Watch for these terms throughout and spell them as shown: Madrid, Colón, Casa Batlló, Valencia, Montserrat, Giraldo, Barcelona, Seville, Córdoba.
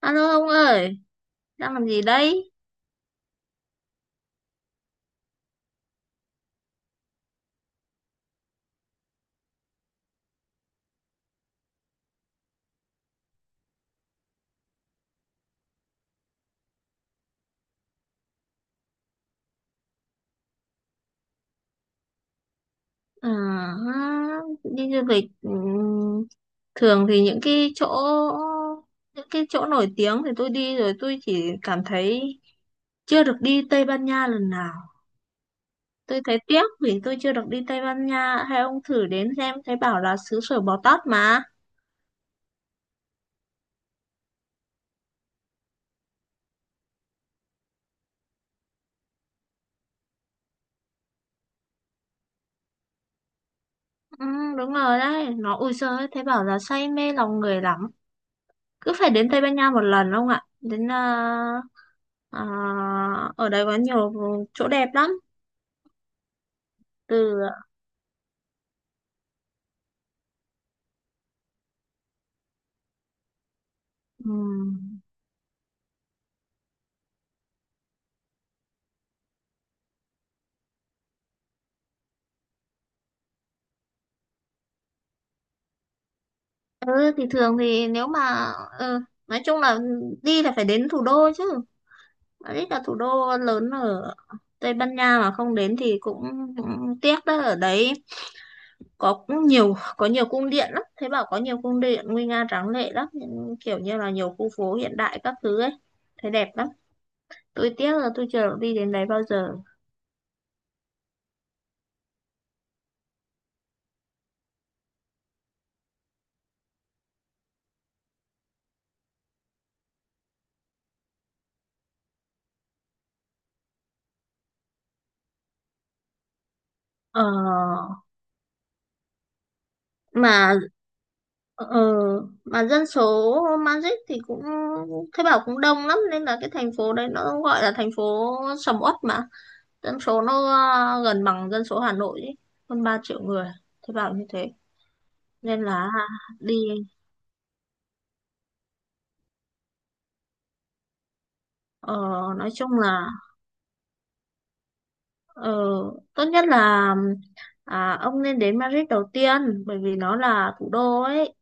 Alo ông ơi, đang làm gì đấy? À, ha, đi du lịch, thường thì những cái chỗ, nổi tiếng thì tôi đi rồi, tôi chỉ cảm thấy chưa được đi Tây Ban Nha lần nào. Tôi thấy tiếc vì tôi chưa được đi Tây Ban Nha. Hay ông thử đến xem, thấy bảo là xứ sở bò tót mà. Ừ, đúng rồi đấy, nó ui giời ơi, thấy bảo là say mê lòng người lắm. Cứ phải đến Tây Ban Nha một lần ông ạ. Đến, à, ở đây có nhiều chỗ đẹp lắm, ừ ạ. Ừ. Ừ thì thường thì nếu mà, ừ, nói chung là đi là phải đến thủ đô chứ. Madrid là thủ đô lớn ở Tây Ban Nha mà không đến thì cũng tiếc đó. Ở đấy có nhiều cung điện lắm, thấy bảo có nhiều cung điện nguy nga tráng lệ lắm, những kiểu như là nhiều khu phố hiện đại các thứ ấy, thấy đẹp lắm. Tôi tiếc là tôi chưa được đi đến đấy bao giờ. ờ, mà Ờ, mà dân số Magic thì cũng Thế Bảo cũng đông lắm, nên là cái thành phố đấy nó gọi là thành phố sầm uất mà. Dân số nó gần bằng dân số Hà Nội ấy, hơn 3 triệu người. Thế Bảo như thế nên là đi, ờ, nói chung là, ờ, tốt nhất là, ông nên đến Madrid đầu tiên bởi vì nó là thủ đô ấy.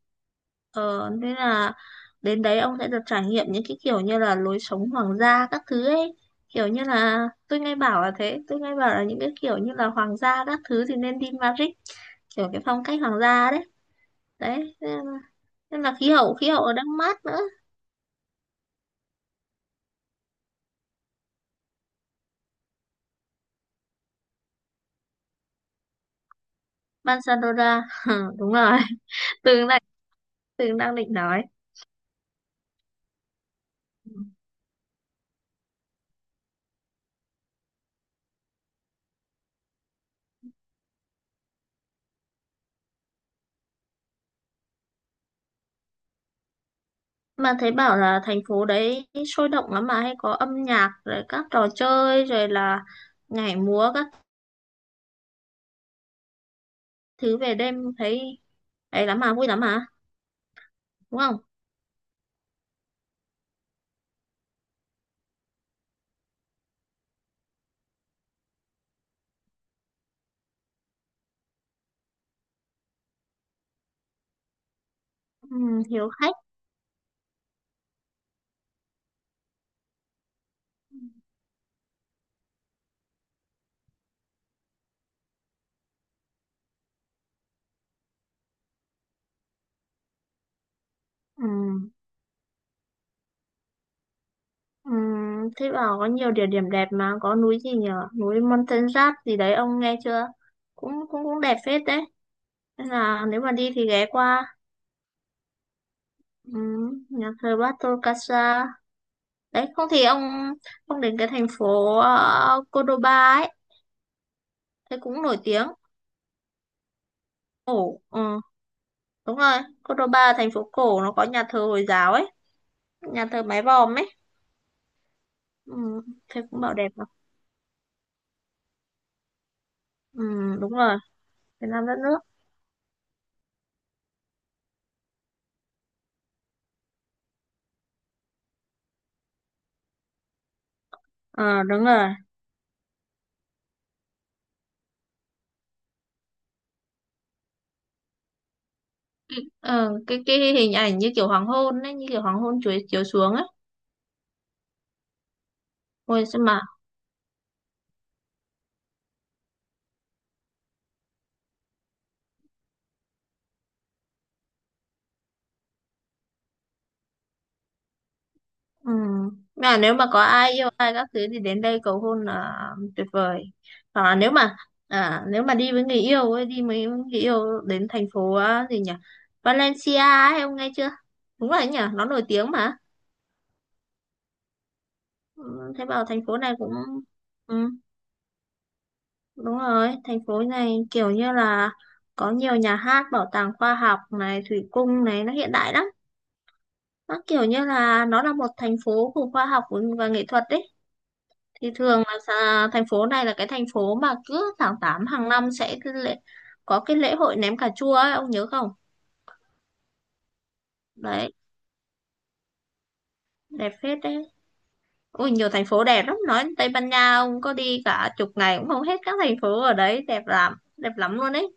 Ờ, thế là đến đấy ông sẽ được trải nghiệm những cái kiểu như là lối sống hoàng gia các thứ ấy. Kiểu như là tôi nghe bảo là thế, tôi nghe bảo là những cái kiểu như là hoàng gia các thứ thì nên đi Madrid, kiểu cái phong cách hoàng gia đấy. Đấy, thế là khí hậu ở đang mát nữa. Barcelona, đúng rồi. Tường đang, Tường đang định nói. Mà thấy bảo là thành phố đấy sôi động lắm, mà hay có âm nhạc rồi các trò chơi rồi là nhảy múa các thứ về đêm, thấy ấy lắm mà, vui lắm mà. Đúng không? Hiếu khách. Ừm, thế bảo có nhiều địa điểm đẹp mà có núi gì nhở, núi Montserrat gì đấy, ông nghe chưa? Cũng cũng cũng đẹp phết đấy, nên là nếu mà đi thì ghé qua. Nhà thờ Bartol Casa đấy. Không thì ông đến cái thành phố, Cordoba ấy, thế cũng nổi tiếng. Cổ, ừ, đúng rồi. Cordoba thành phố cổ, nó có nhà thờ Hồi giáo ấy, nhà thờ mái vòm ấy. Ừm, thế cũng bảo đẹp mà. Đúng rồi. Việt Nam đất nước. Ờ, đúng rồi. Ờ, cái hình ảnh như kiểu hoàng hôn ấy, như kiểu hoàng hôn chuối chiếu xuống ấy. Ôi sao mà ừ. Mà nếu mà có ai yêu ai các thứ thì đến đây cầu hôn là tuyệt vời. Hoặc là nếu mà, nếu mà đi với người yêu ấy, đi với người yêu đến thành phố, à, gì nhỉ, Valencia ấy, ông nghe chưa? Đúng rồi đấy nhỉ, nó nổi tiếng mà. Ừ, thế bảo thành phố này cũng, ừ, đúng rồi, thành phố này kiểu như là có nhiều nhà hát, bảo tàng khoa học này, thủy cung này, nó hiện đại lắm. Nó kiểu như là nó là một thành phố của khoa học và nghệ thuật đấy. Thì thường là thành phố này là cái thành phố mà cứ tháng 8 hàng năm sẽ cái lễ, có cái lễ hội ném cà chua ấy, ông nhớ không? Đấy, đẹp phết đấy. Ui, nhiều thành phố đẹp lắm. Nói Tây Ban Nha, ông có đi cả chục ngày cũng không hết các thành phố ở đấy. Đẹp lắm luôn đấy.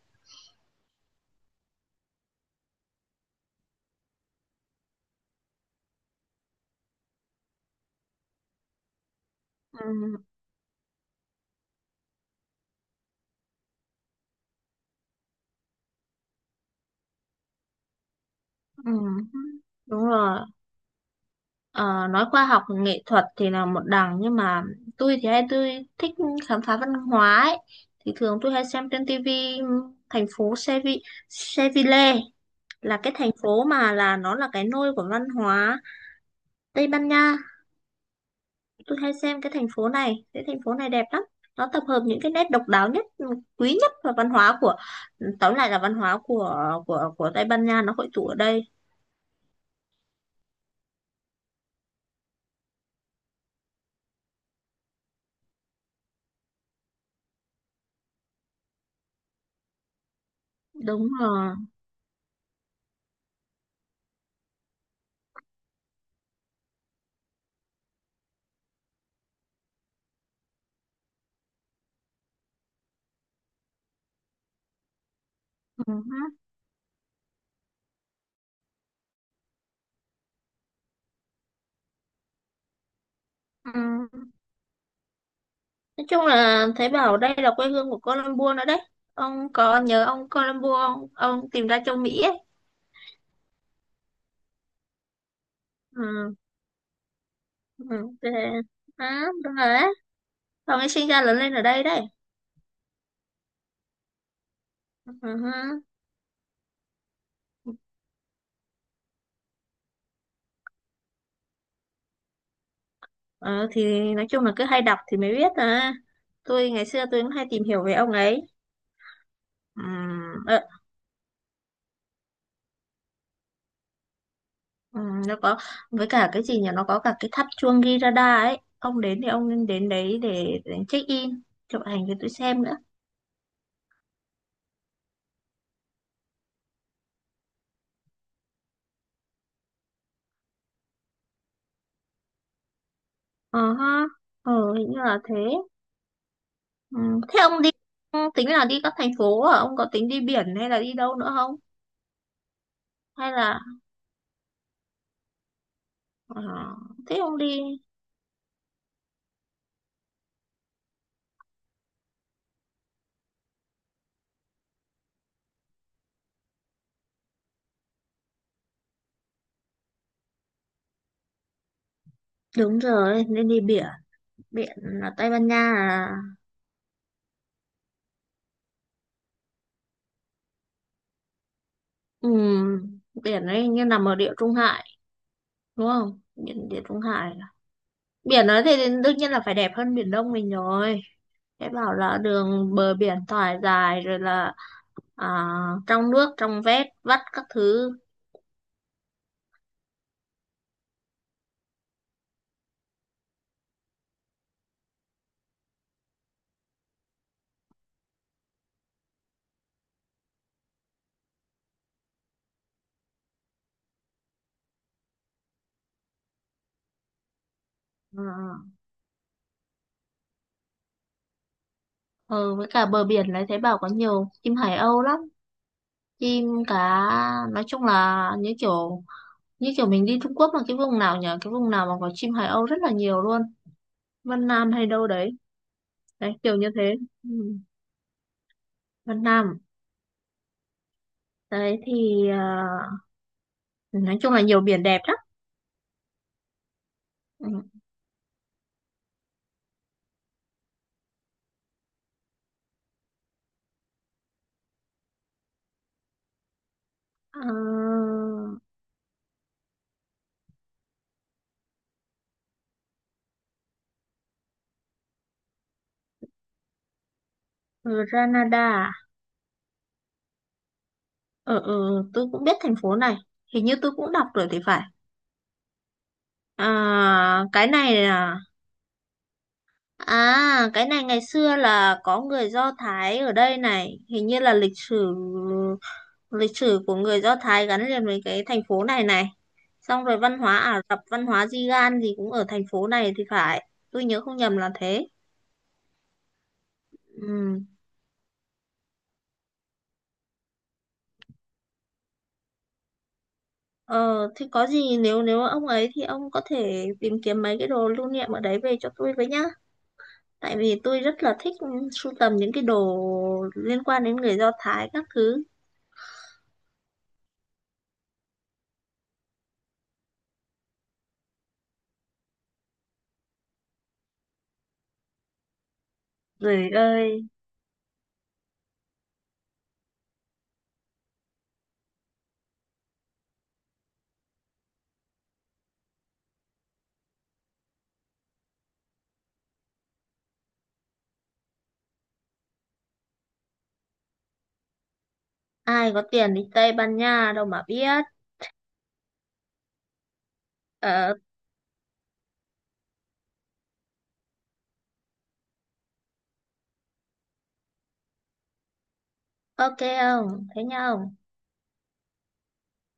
Ừ, ừ, đúng rồi. Ờ, nói khoa học nghệ thuật thì là một đằng nhưng mà tôi thì hay tôi thích khám phá văn hóa ấy. Thì thường tôi hay xem trên tivi thành phố Seville là cái thành phố mà là nó là cái nôi của văn hóa Tây Ban Nha. Tôi hay xem cái thành phố này, cái thành phố này đẹp lắm. Nó tập hợp những cái nét độc đáo nhất, quý nhất và văn hóa của, tóm lại là văn hóa của Tây Ban Nha nó hội tụ ở đây. Đúng rồi. Ừ. Ừ. Nói chung là thấy bảo đây là quê hương của Colombo nữa đấy. Ông có nhớ ông Colombo, ông tìm ra châu Mỹ ấy. Ừ, ừ, thế. À, đúng rồi đấy. Ông ấy sinh ra lớn lên ở đây đấy. Ừ, hứ. Ờ, thì nói chung là cứ hay đọc thì mới biết à. Tôi ngày xưa tôi cũng hay tìm hiểu về ông ấy. Ừ, ờ, ừ, nó có với cả cái gì nhỉ? Nó có cả cái tháp chuông Girarda ấy. Ông đến thì ông nên đến đấy để check in, chụp ảnh cho tôi xem nữa. Ờ ha. Ờ, hình như là thế. Ừ. Thế ông đi tính là đi các thành phố à? Ông có tính đi biển hay là đi đâu nữa không? Hay là, ờ, thế ông đi, đúng rồi nên đi biển. Biển là Tây Ban Nha là, ừ, biển ấy như nằm ở địa Trung Hải, đúng không? Biển địa Trung Hải à? Biển ấy thì đương nhiên là phải đẹp hơn biển Đông mình rồi. Thế bảo là đường bờ biển thoải dài rồi là, à, trong nước trong vét vắt các thứ. Ờ, ờ, với cả bờ biển đấy thấy bảo có nhiều chim hải âu lắm, chim cả. Nói chung là như kiểu, như kiểu mình đi Trung Quốc là cái vùng nào nhỉ, cái vùng nào mà có chim Hải Âu rất là nhiều luôn, Vân Nam hay đâu đấy. Đấy kiểu như thế ừ. Vân Nam đấy thì, à, nói chung là nhiều biển đẹp lắm ừ. Ờ, ở Granada, ở, ừ, ừ, tôi cũng biết thành phố này, hình như tôi cũng đọc rồi thì phải. À, cái này là À, cái này ngày xưa là có người Do Thái ở đây này, hình như là lịch sử, của người Do Thái gắn liền với cái thành phố này này. Xong rồi văn hóa Ả Rập, văn hóa Di-gan gì cũng ở thành phố này thì phải. Tôi nhớ không nhầm là thế. Ừ. Ờ, thì có gì nếu, ông ấy thì ông có thể tìm kiếm mấy cái đồ lưu niệm ở đấy về cho tôi với nhá. Tại vì tôi rất là thích sưu tầm những cái đồ liên quan đến người Do Thái các thứ. Rồi ơi. Ai có tiền đi Tây Ban Nha đâu mà biết. Ờ, ok không thế nhau.